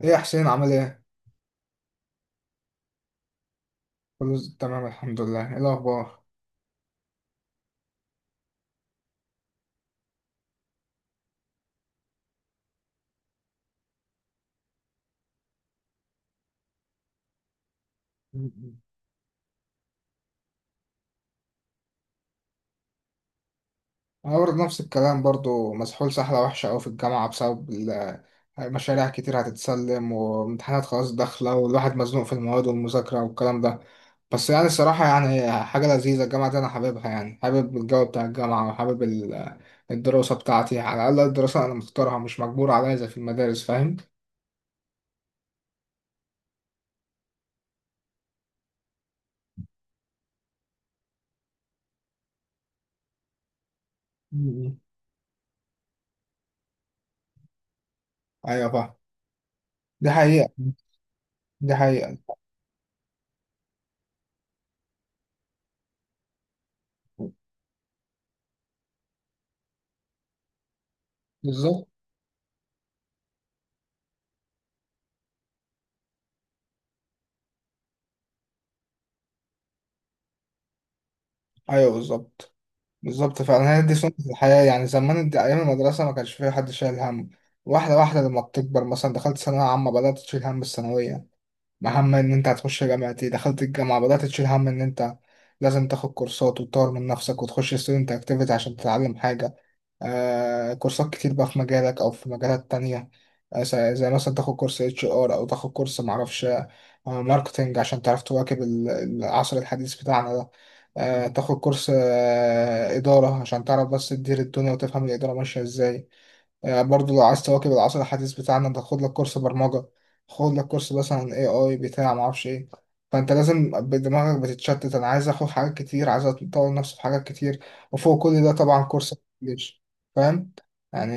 ايه يا حسين عامل ايه؟ تمام الحمد لله، ايه الأخبار؟ أنا برضه نفس الكلام برضه مسحول سحلة وحشة أوي في الجامعة مشاريع كتير هتتسلم وامتحانات خلاص داخلة والواحد مزنوق في المواد والمذاكرة والكلام ده. بس يعني الصراحة يعني حاجة لذيذة الجامعة دي أنا حاببها، يعني حابب الجو بتاع الجامعة الدراسة بتاعتي، على الأقل الدراسة أنا مختارها مش مجبور عليها زي في المدارس، فاهم؟ مم. أيوة فاهم. دي حقيقة. دي حقيقة. بالظبط. أيوة بالظبط. بالظبط فعلا، هي دي سنة الحياة. يعني زمان دي أيام المدرسة ما كانش فيها حد شايل هم. واحدة واحدة لما بتكبر، مثلا دخلت ثانوية عامة بدأت تشيل هم الثانوية، هم إن أنت هتخش جامعة. إيه، دخلت الجامعة بدأت تشيل هم إن أنت لازم تاخد كورسات وتطور من نفسك وتخش ستودنت أكتيفيتي عشان تتعلم حاجة. كورسات كتير بقى في مجالك او في مجالات تانية. زي مثلا تاخد كورس اتش ار، او تاخد كورس معرفش ماركتينج، عشان تعرف تواكب العصر الحديث بتاعنا ده. تاخد كورس إدارة عشان تعرف بس تدير الدنيا وتفهم الإدارة ماشية ازاي. برضو لو عايز تواكب العصر الحديث بتاعنا ده، خد لك كورس برمجة، خد لك كورس مثلا اي اي بتاع معرفش ايه. فانت لازم دماغك بتتشتت، انا عايز اخد حاجات كتير، عايز اطور نفسي في حاجات كتير، وفوق كل ده طبعا كورس الانجليش، فاهم يعني؟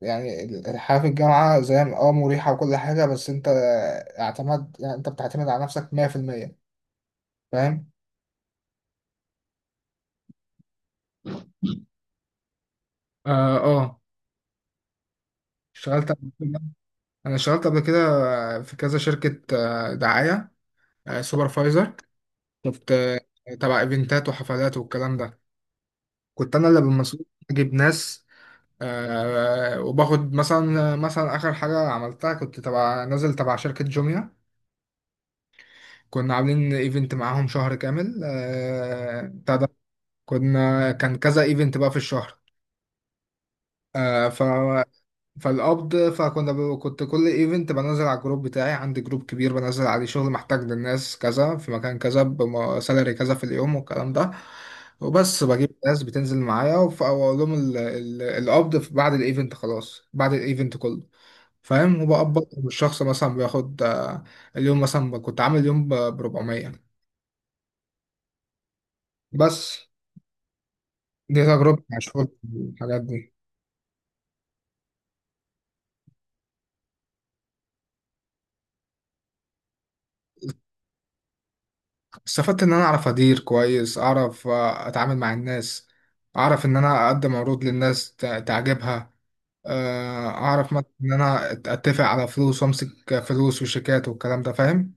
يعني الحياة في الجامعة زي مريحة وكل حاجة، بس انت اعتمد يعني انت بتعتمد على نفسك 100%، فاهم؟ اه آه. اشتغلت قبل كده. انا اشتغلت قبل كده في كذا شركة دعاية، سوبرفايزر. شفت تبع ايفنتات وحفلات والكلام ده. كنت انا اللي بالمسؤول، اجيب ناس. آه، وباخد مثلا اخر حاجه عملتها، كنت تبع نازل تبع شركه جوميا، كنا عاملين ايفنت معاهم شهر كامل آه بتاع ده. كان كذا ايفنت بقى في الشهر. آه. كنت كل ايفنت بنزل على الجروب بتاعي، عندي جروب كبير بنزل عليه شغل، محتاج للناس كذا في مكان كذا بسالري كذا في اليوم والكلام ده. وبس بجيب ناس بتنزل معايا، واقول لهم القبض بعد الايفنت، خلاص بعد الايفنت كله، فاهم؟ وبقبض الشخص مثلا بياخد اليوم، مثلا كنت عامل يوم ب 400 بس. دي تجربتي مع الشغل في الحاجات دي. استفدت ان انا اعرف ادير كويس، اعرف اتعامل مع الناس، اعرف ان انا اقدم عروض للناس تعجبها، اعرف مثلا ان انا اتفق على فلوس وامسك فلوس وشيكات والكلام ده، فاهم.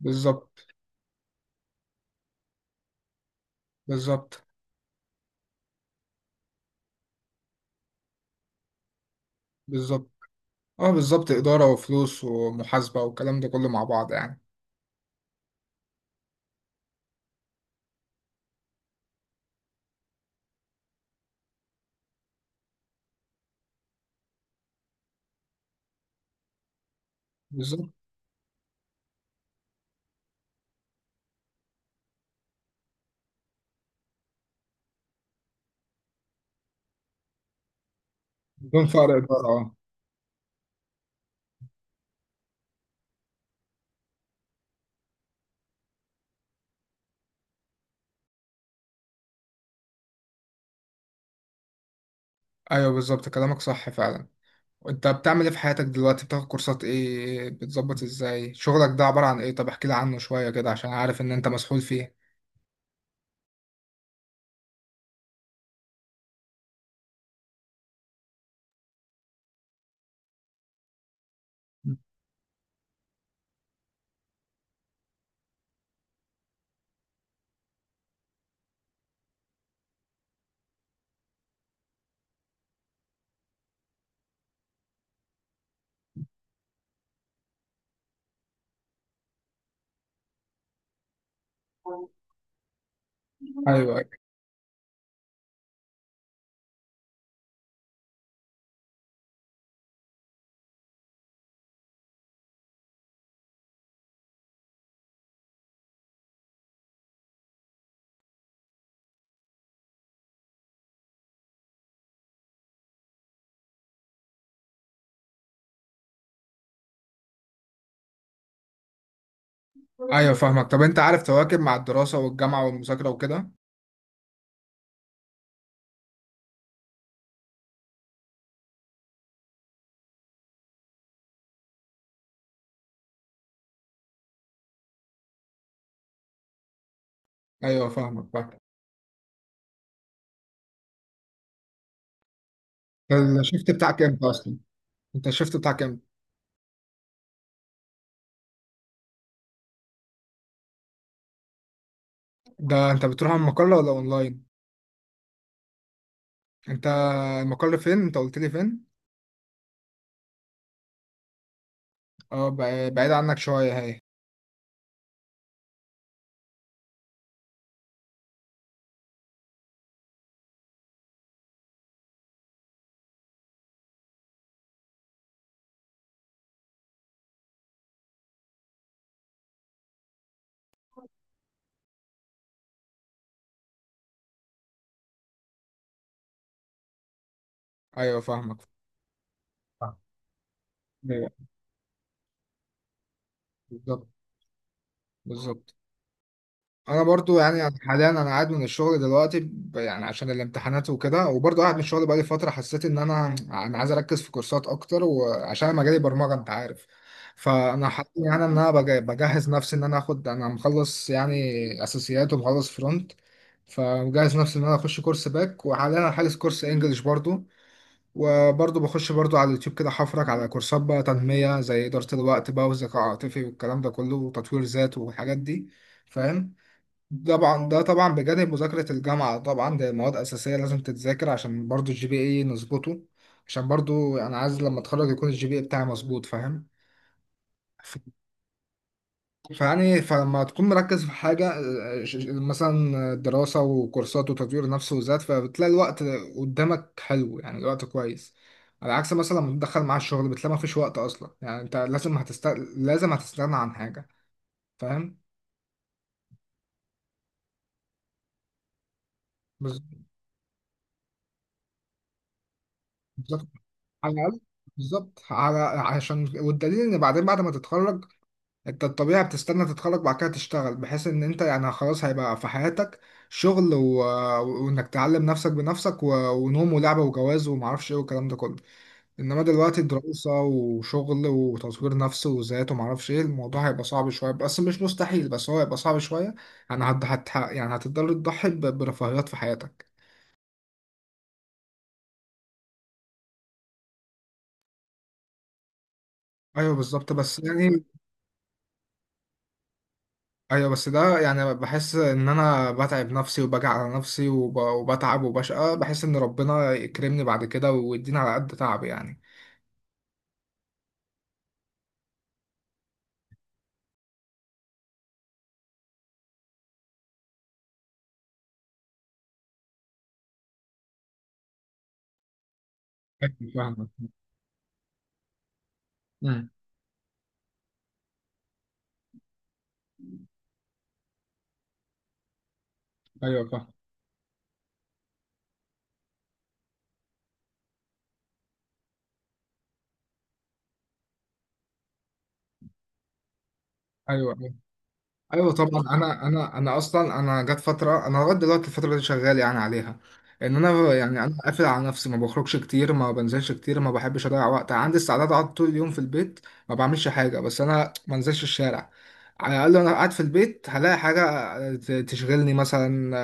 بالظبط. بالظبط. بالظبط. اه بالظبط، اداره وفلوس ومحاسبه والكلام ده كله مع بعض يعني. بالظبط، بدون فرق اداره اه. ايوه بالظبط، كلامك صح فعلا. وانت بتعمل ايه في حياتك دلوقتي، بتاخد كورسات ايه، بتظبط ازاي شغلك ده، عبارة عن ايه؟ طب احكي لي عنه شوية كده، عشان عارف ان انت مسحول فيه. ايوه. ايوه. ايوه فاهمك. طب انت عارف تواكب مع الدراسه والجامعه والمذاكره وكده؟ ايوه فاهمك فاهمك. الشيفت بتاعك امتى اصلا؟ انت الشيفت بتاعك امتى؟ ده انت بتروح على المقر ولا اونلاين؟ انت المقر فين؟ انت قلت لي فين؟ اه، بعيد عنك شويه هي. ايوه فاهمك. ايوه بالظبط. بالظبط. انا برضو يعني حاليا انا قاعد من الشغل دلوقتي يعني عشان الامتحانات وكده، وبرضو قاعد من الشغل بقالي فتره، حسيت ان انا عايز اركز في كورسات اكتر، وعشان انا مجالي برمجه انت عارف. فانا حاسس يعني ان انا بجهز نفسي ان انا اخد، انا مخلص يعني اساسيات ومخلص فرونت، فمجهز نفسي ان انا اخش كورس باك، وحاليا انا حاجز كورس انجليش برضو، وبرضو بخش برضو على اليوتيوب كده حفرك على كورسات بقى تنميه، زي اداره الوقت بقى والذكاء العاطفي والكلام ده كله، وتطوير ذات والحاجات دي، فاهم. طبعا ده طبعا بجانب مذاكرة الجامعة، طبعا ده مواد أساسية لازم تتذاكر، عشان برضو الجي بي اي نظبطه، عشان برضو أنا عايز لما أتخرج يكون الجي بي اي بتاعي مظبوط، فاهم. ف- فيعني فلما تكون مركز في حاجة، مثلا دراسة وكورسات وتطوير نفس وذات، فبتلاقي الوقت قدامك حلو يعني، الوقت كويس، على عكس مثلا لما تدخل مع الشغل بتلاقي مفيش وقت أصلا. يعني أنت لازم هتستغنى عن حاجة، فاهم. بالظبط. على الأقل. بالظبط على عشان والدليل ان بعدين بعد ما تتخرج، انت الطبيعي بتستنى تتخرج بعد كده تشتغل، بحيث ان انت يعني خلاص هيبقى في حياتك شغل و... وانك تعلم نفسك بنفسك، ونوم ولعبة وجواز ومعرفش ايه والكلام ده كله. انما دلوقتي دراسة وشغل وتطوير نفس وذات ومعرفش ايه، الموضوع هيبقى صعب شوية بس مش مستحيل، بس هو هيبقى صعب شوية. يعني هتضطر تضحي برفاهيات في حياتك. ايوه بالظبط، بس يعني ايوه. بس ده يعني بحس ان انا بتعب نفسي وبجع على نفسي، وبتعب وبشقى، بحس ان ربنا يكرمني بعد كده ويديني على قد تعبي يعني. فاهم فاهم. امم. ايوه فاهم. ايوه. ايوه طبعا. انا جت فتره، انا لغايه دلوقتي الفتره دي شغال يعني عليها، ان انا يعني انا قافل على نفسي، ما بخرجش كتير، ما بنزلش كتير، ما بحبش اضيع وقت، عندي استعداد اقعد طول اليوم في البيت ما بعملش حاجه، بس انا ما انزلش الشارع. على الاقل انا قاعد في البيت هلاقي حاجه تشغلني مثلا،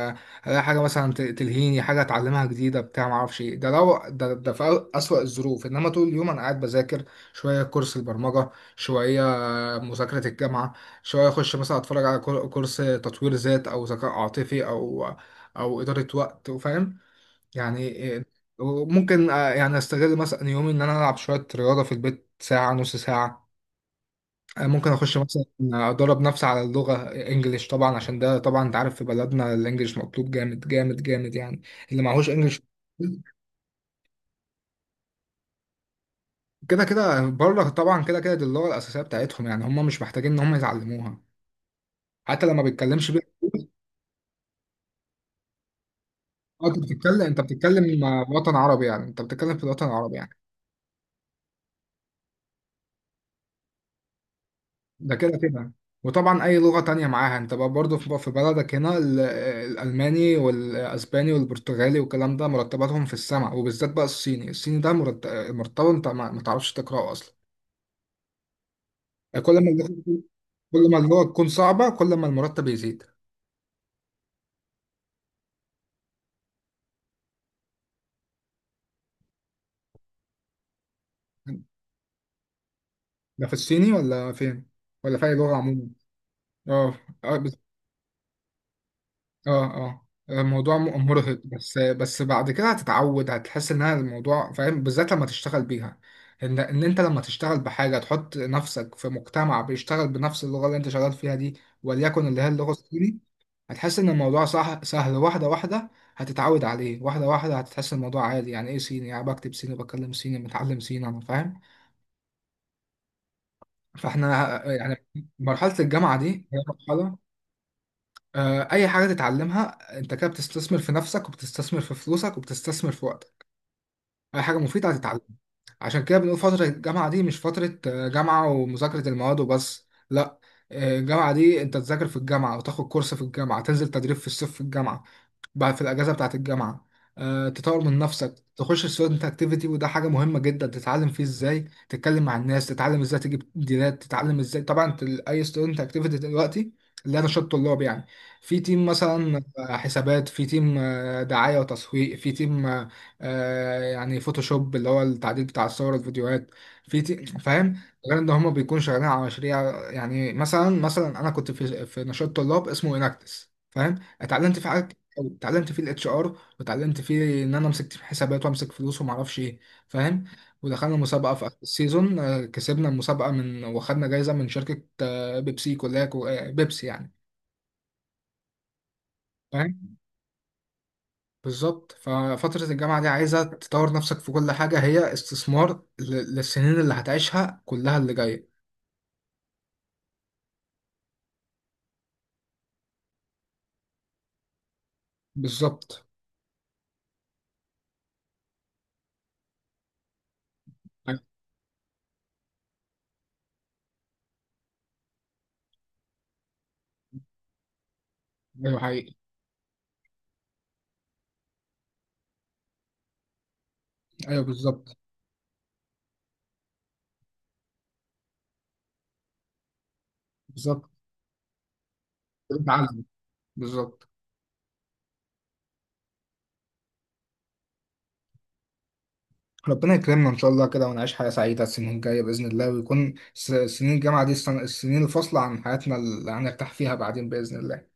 هلاقي حاجه مثلا تلهيني، حاجه اتعلمها جديده بتاع ما اعرفش ايه، ده لو ده، ده في اسوأ الظروف. انما طول اليوم انا قاعد بذاكر، شويه كورس البرمجه، شويه مذاكرة الجامعة، شوية أخش مثلا أتفرج على كورس تطوير ذات أو ذكاء عاطفي أو أو إدارة وقت، وفاهم يعني إيه. وممكن يعني أستغل مثلا يومي، إن أنا ألعب شوية رياضة في البيت ساعة نص ساعة. ممكن أخش مثلا أدرب نفسي على اللغة إنجليش، طبعا عشان ده طبعا أنت عارف في بلدنا الإنجليش مطلوب جامد جامد جامد يعني. اللي معهوش إنجليش كده كده بره. طبعا كده كده دي اللغة الأساسية بتاعتهم، يعني هم مش محتاجين إن هم يتعلموها حتى لما بيتكلمش. اه انت بتتكلم وطن عربي، يعني انت بتتكلم في الوطن العربي يعني. ده كده كده. وطبعا اي لغة تانية معاها انت بقى برضه في بلدك هنا، الالماني والاسباني والبرتغالي والكلام ده مرتباتهم في السماء، وبالذات بقى الصيني، الصيني ده مرتبه انت ما ما تعرفش تقراه اصلا. يعني كل ما اللغة- كل ما اللغة تكون صعبة كل ما المرتب يزيد. ده في الصيني ولا فين؟ ولا في اي لغة عموما؟ اه. آه. اه اه. الموضوع مرهق، بس بس بعد كده هتتعود، هتحس انها الموضوع فاهم بالذات لما تشتغل بيها. ان ان انت لما تشتغل بحاجه تحط نفسك في مجتمع بيشتغل بنفس اللغه اللي انت شغال فيها دي، وليكن اللي هي اللغه الصيني، هتحس ان الموضوع صح سهل، واحده واحده هتتعود عليه، واحده واحده هتحس الموضوع عادي، يعني ايه صيني يعني بكتب صيني بكلم صيني متعلم صيني انا، فاهم. فاحنا يعني مرحله الجامعه دي هي مرحله، اي حاجه تتعلمها انت كده بتستثمر في نفسك وبتستثمر في فلوسك وبتستثمر في وقتك، اي حاجه مفيده هتتعلمها. عشان كده بنقول فتره الجامعه دي مش فتره جامعه ومذاكره المواد وبس، لا، الجامعه دي انت تذاكر في الجامعه وتاخد كورس في الجامعه، تنزل تدريب في الصيف في الجامعه، بعد في الاجازه بتاعت الجامعه، تطور من نفسك، تخش ستودنت اكتيفيتي، وده حاجه مهمه جدا، تتعلم فيه ازاي تتكلم مع الناس، تتعلم ازاي تجيب ديلات، تتعلم ازاي، طبعا اي ستودنت اكتيفيتي دلوقتي اللي انا شط طلاب يعني، في تيم مثلا حسابات، في تيم دعايه وتسويق، في تيم يعني فوتوشوب اللي هو التعديل بتاع الصور الفيديوهات، في تيم، فاهم. غير ان هم بيكونوا شغالين على مشاريع، يعني مثلا انا كنت في نشاط طلاب اسمه اناكتس، فاهم. اتعلمت في، اتعلمت فيه الاتش ار، واتعلمت فيه ان انا امسك حسابات وامسك فلوس وما اعرفش ايه، فاهم. ودخلنا مسابقه في اخر السيزون، كسبنا المسابقه، من واخدنا جايزه من شركه بيبسي كلها بيبسي يعني، فاهم. بالظبط. ففتره الجامعه دي عايزه تطور نفسك في كل حاجه، هي استثمار للسنين اللي هتعيشها كلها اللي جايه. بالظبط. ايوه. أيوه، حقيقي. ايوه بالظبط. بالظبط. بتعلم. بالظبط. ربنا يكرمنا ان شاء الله كده ونعيش حياه سعيده السنين الجايه باذن الله، ويكون سنين الجامعه دي السنين الفاصله عن حياتنا اللي هنرتاح فيها بعدين باذن الله.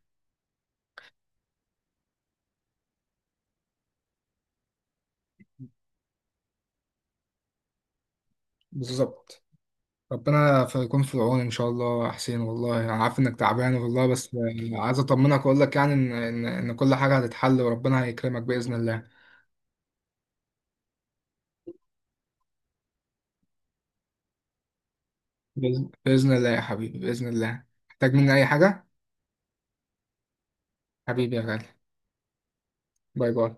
بالظبط. ربنا يكون في العون ان شاء الله يا حسين، والله انا عارف انك تعبان والله، بس عايز اطمنك واقول لك يعني ان ان إن كل حاجه هتتحل وربنا هيكرمك باذن الله. بإذن الله يا حبيبي، بإذن الله. محتاج مني أي حاجة؟ حبيبي يا غالي. باي باي.